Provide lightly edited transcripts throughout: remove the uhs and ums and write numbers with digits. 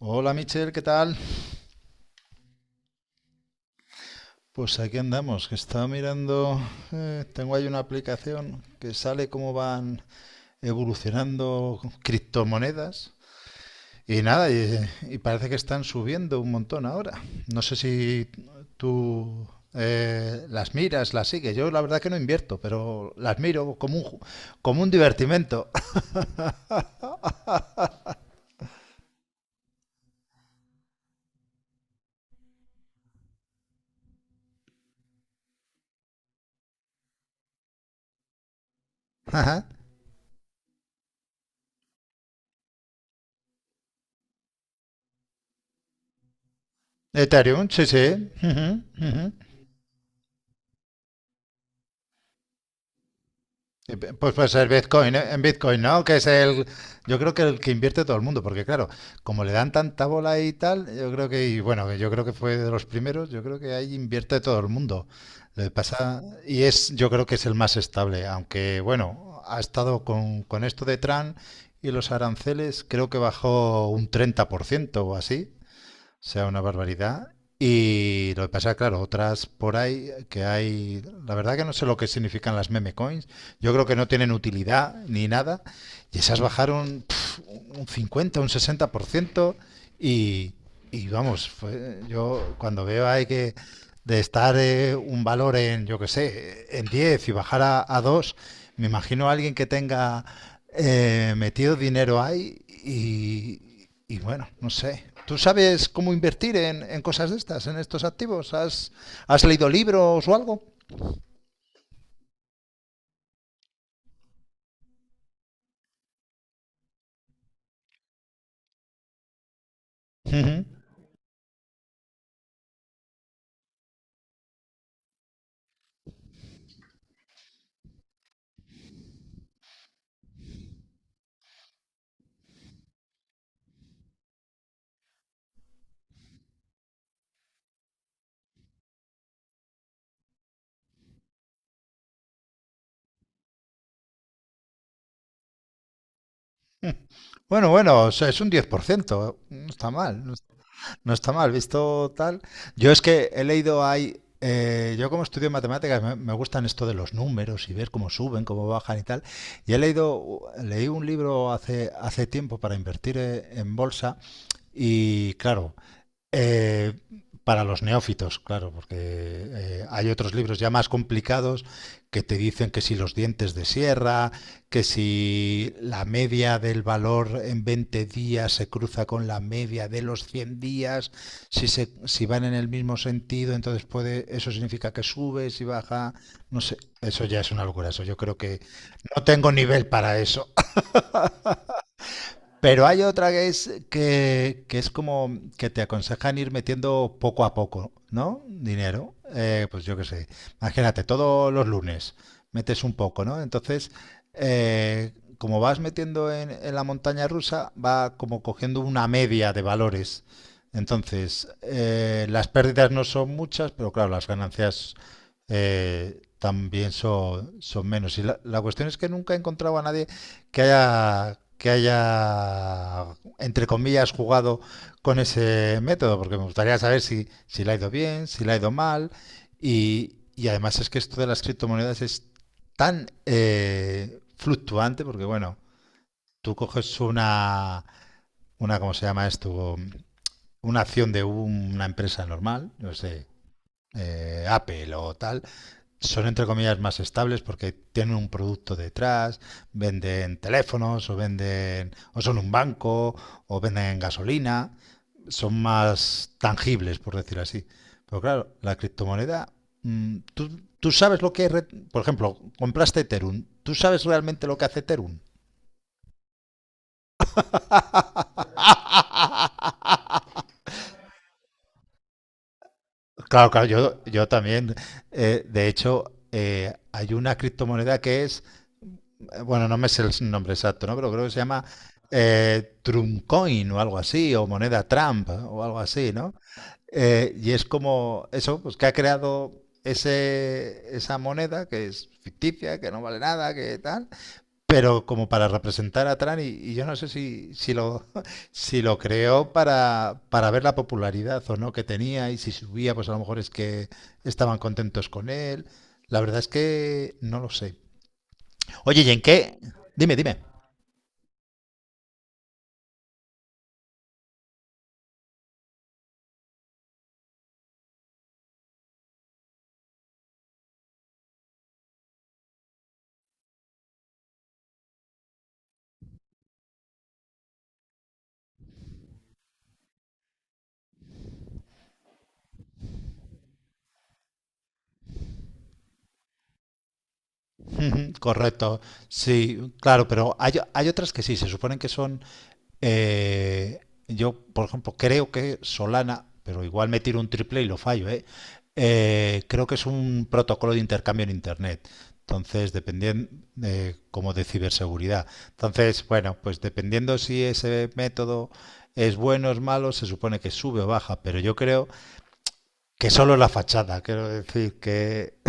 Hola Michelle, ¿qué tal? Pues aquí andamos, que estaba mirando, tengo ahí una aplicación que sale cómo van evolucionando criptomonedas y nada, y parece que están subiendo un montón ahora. No sé si tú las miras, las sigues. Yo la verdad que no invierto, pero las miro como un divertimento. Ajá. Ethereum, sí, sí. Ujú, ujú. Pues puede ser Bitcoin, en Bitcoin, ¿no? Que es el, yo creo que el que invierte todo el mundo, porque claro, como le dan tanta bola y tal, yo creo que, y bueno, yo creo que fue de los primeros, yo creo que ahí invierte todo el mundo. Le pasa, y es, yo creo que es el más estable, aunque bueno, ha estado con esto de Trump y los aranceles, creo que bajó un 30% o así, sea una barbaridad. Y lo que pasa, claro, otras por ahí que hay, la verdad que no sé lo que significan las meme coins, yo creo que no tienen utilidad ni nada, y esas bajaron pf, un 50, un 60% y, y vamos, fue- yo cuando veo ahí que de estar un valor en, yo qué sé, en 10 y bajar a 2, me imagino a alguien que tenga metido dinero ahí y bueno, no sé. ¿Tú sabes cómo invertir en cosas de estas, en estos activos? ¿Has leído libros o algo? Ujú. Bueno, bueno, o sea, es un 10%, no está mal. No no está mal, visto tal. Yo es que he leído ahí, yo como estudio matemáticas me gustan esto de los números y ver cómo suben, cómo bajan y tal. Y he leído, leí un libro hace tiempo para invertir en bolsa y claro, eh, para los neófitos, claro, porque hay otros libros ya más complicados que te dicen que si los dientes de sierra, que si la media del valor en 20 días se cruza con la media de los 100 días, si van en el mismo sentido, entonces eso significa que sube, si baja, no sé, eso ya es una locura, eso yo creo que no tengo nivel para eso. Pero hay otra que es como que te aconsejan ir metiendo poco a poco, ¿no? Dinero. Pues yo qué sé. Imagínate, todos los lunes metes un poco, ¿no? Entonces, eh, como vas metiendo en, la montaña rusa, va como cogiendo una media de valores. Entonces, las pérdidas no son muchas, pero claro, las ganancias también son menos. Y la cuestión es que nunca he encontrado a nadie que haya, entre comillas, jugado con ese método, porque me gustaría saber si le ha ido bien, si le ha ido mal, y además es que esto de las criptomonedas es tan fluctuante, porque bueno, tú coges una, ¿cómo se llama esto? Una acción de una empresa normal, no sé, Apple o tal, son entre comillas más estables porque tienen un producto detrás, venden teléfonos o venden o son un banco o venden gasolina, son más tangibles por decir así. Pero claro, la criptomoneda, tú sabes lo que es, por ejemplo, compraste Ethereum, ¿tú sabes realmente lo que hace Ethereum? Claro, claro, yo también. De hecho, hay una criptomoneda que es bueno, no me sé el nombre exacto, ¿no? Pero creo que se llama Trump Coin o algo así, o moneda Trump o algo así, ¿no? Y es como eso, pues que ha creado ese, esa moneda que es ficticia, que no vale nada, que tal, pero como para representar a Trump y yo no sé si lo, si lo creó para ver la popularidad o no que tenía y si subía, pues a lo mejor es que estaban contentos con él. La verdad es que no lo sé. Oye, ¿y en qué? Dime, dime. Ujú, correcto, sí, claro, pero hay otras que sí, se suponen que son, eh, yo por ejemplo creo que Solana, pero igual me tiro un triple y lo fallo, ¿eh? Creo que es un protocolo de intercambio en Internet, entonces dependiendo, como de ciberseguridad. Entonces, bueno, pues dependiendo si ese método es bueno o es malo, se supone que sube o baja, pero yo creo que solo la fachada, quiero decir que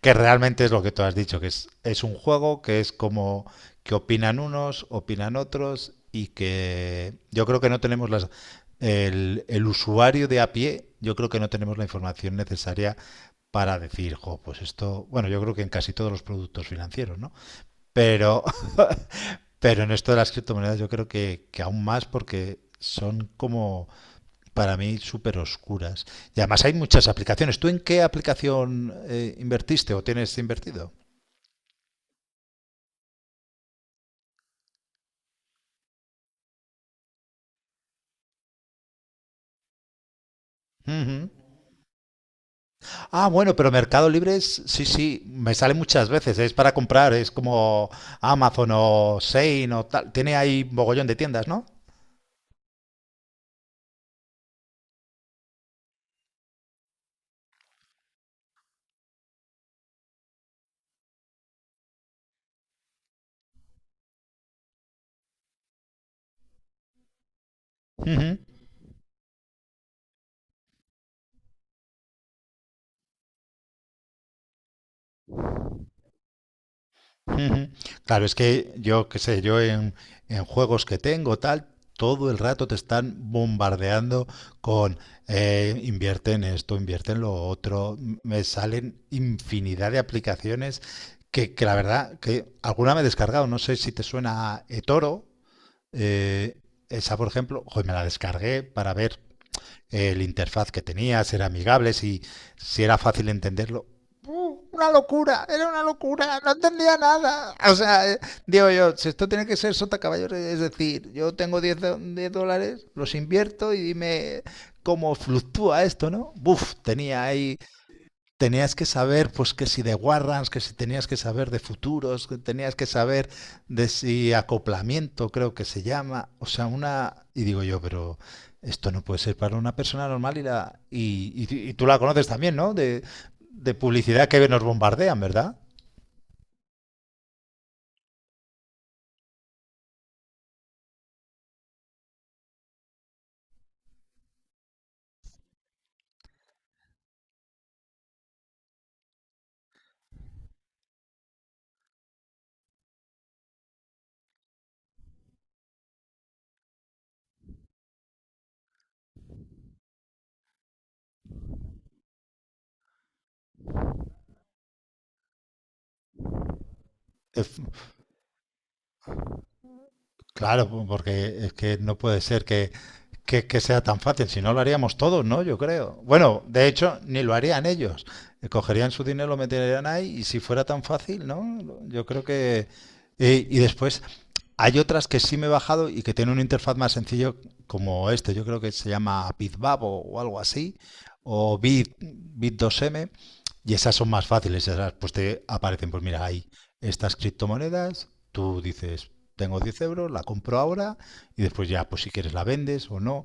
que realmente es lo que tú has dicho, que es un juego que es como que opinan unos, opinan otros y que yo creo que no tenemos las... el usuario de a pie, yo creo que no tenemos la información necesaria para decir, jo, pues esto, bueno, yo creo que en casi todos los productos financieros, ¿no? Pero, pero en esto de las criptomonedas yo creo que aún más porque son como, para mí, súper oscuras. Y además hay muchas aplicaciones. ¿Tú en qué aplicación invertiste o tienes invertido? Ujú. Ah, bueno, pero Mercado Libre es, sí, sí, me sale muchas veces, es para comprar, es como Amazon o Shein o tal, tiene ahí mogollón de tiendas, ¿no? Ujú, ujú. Claro, es que yo, qué sé, yo en, juegos que tengo, tal, todo el rato te están bombardeando con invierte en esto, invierte en lo otro, M- me salen infinidad de aplicaciones que la verdad, que alguna me he descargado, no sé si te suena a Etoro. Eh, esa, por ejemplo, joder, me la descargué para ver el interfaz que tenía, si era amigable, si, si era fácil entenderlo. ¡Uh! Una locura, era una locura, no entendía nada. O sea, digo yo, si esto tiene que ser sota caballo, es decir, yo tengo $10, los invierto y dime cómo fluctúa esto, ¿no? Buf, tenía ahí tenías que saber, pues que si de Warrants, que si tenías que saber de futuros, que tenías que saber de si acoplamiento, creo que se llama. O sea, una. Y digo yo, pero esto no puede ser para una persona normal y la. Y tú la conoces también, ¿no? De publicidad que nos bombardean, ¿verdad? Eh, Claro, porque es que no puede ser que, sea tan fácil, si no lo haríamos todos, ¿no? Yo creo. Bueno, de hecho, ni lo harían ellos. Cogerían su dinero, lo meterían ahí y si fuera tan fácil, ¿no? Lo- Yo creo que... y después hay otras que sí me he bajado y que tienen una interfaz más sencillo como este. Yo creo que se llama BitBab o algo así, o Bit2M. Y esas son más fáciles, esas pues te aparecen, pues mira, hay estas criptomonedas, tú dices, tengo 10 euros, la compro ahora y después ya, pues si quieres la vendes o no.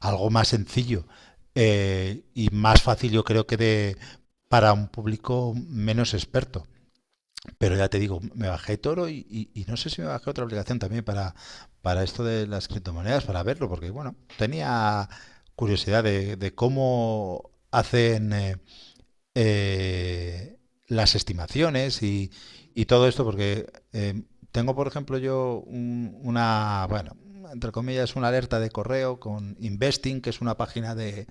Algo más sencillo y más fácil yo creo que para un público menos experto. Pero ya te digo, me bajé Toro y no sé si me bajé otra aplicación también para, esto de las criptomonedas, para verlo, porque bueno, tenía curiosidad de cómo hacen eh, las estimaciones y todo esto, porque eh, tengo, por ejemplo, yo una, bueno, entre comillas, una alerta de correo con Investing, que es una página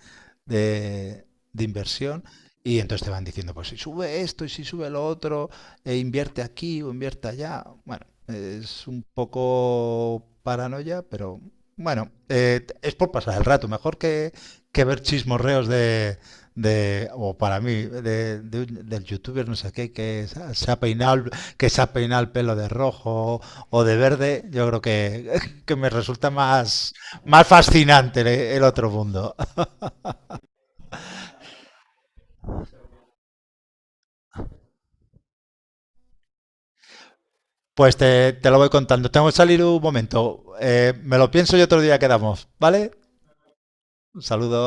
de, de inversión, y entonces te van diciendo, pues si sube esto y si sube lo otro, e invierte aquí o invierte allá. Bueno, es un poco paranoia, pero bueno, es por pasar el rato, mejor que ver chismorreos o para mí, del youtuber no sé qué, que se ha peinado el pelo de rojo o de verde, yo creo que, que me resulta más, más fascinante el otro mundo. Pues te lo voy contando. Tengo que salir un momento. Me lo pienso y otro día quedamos, ¿vale? Un saludo.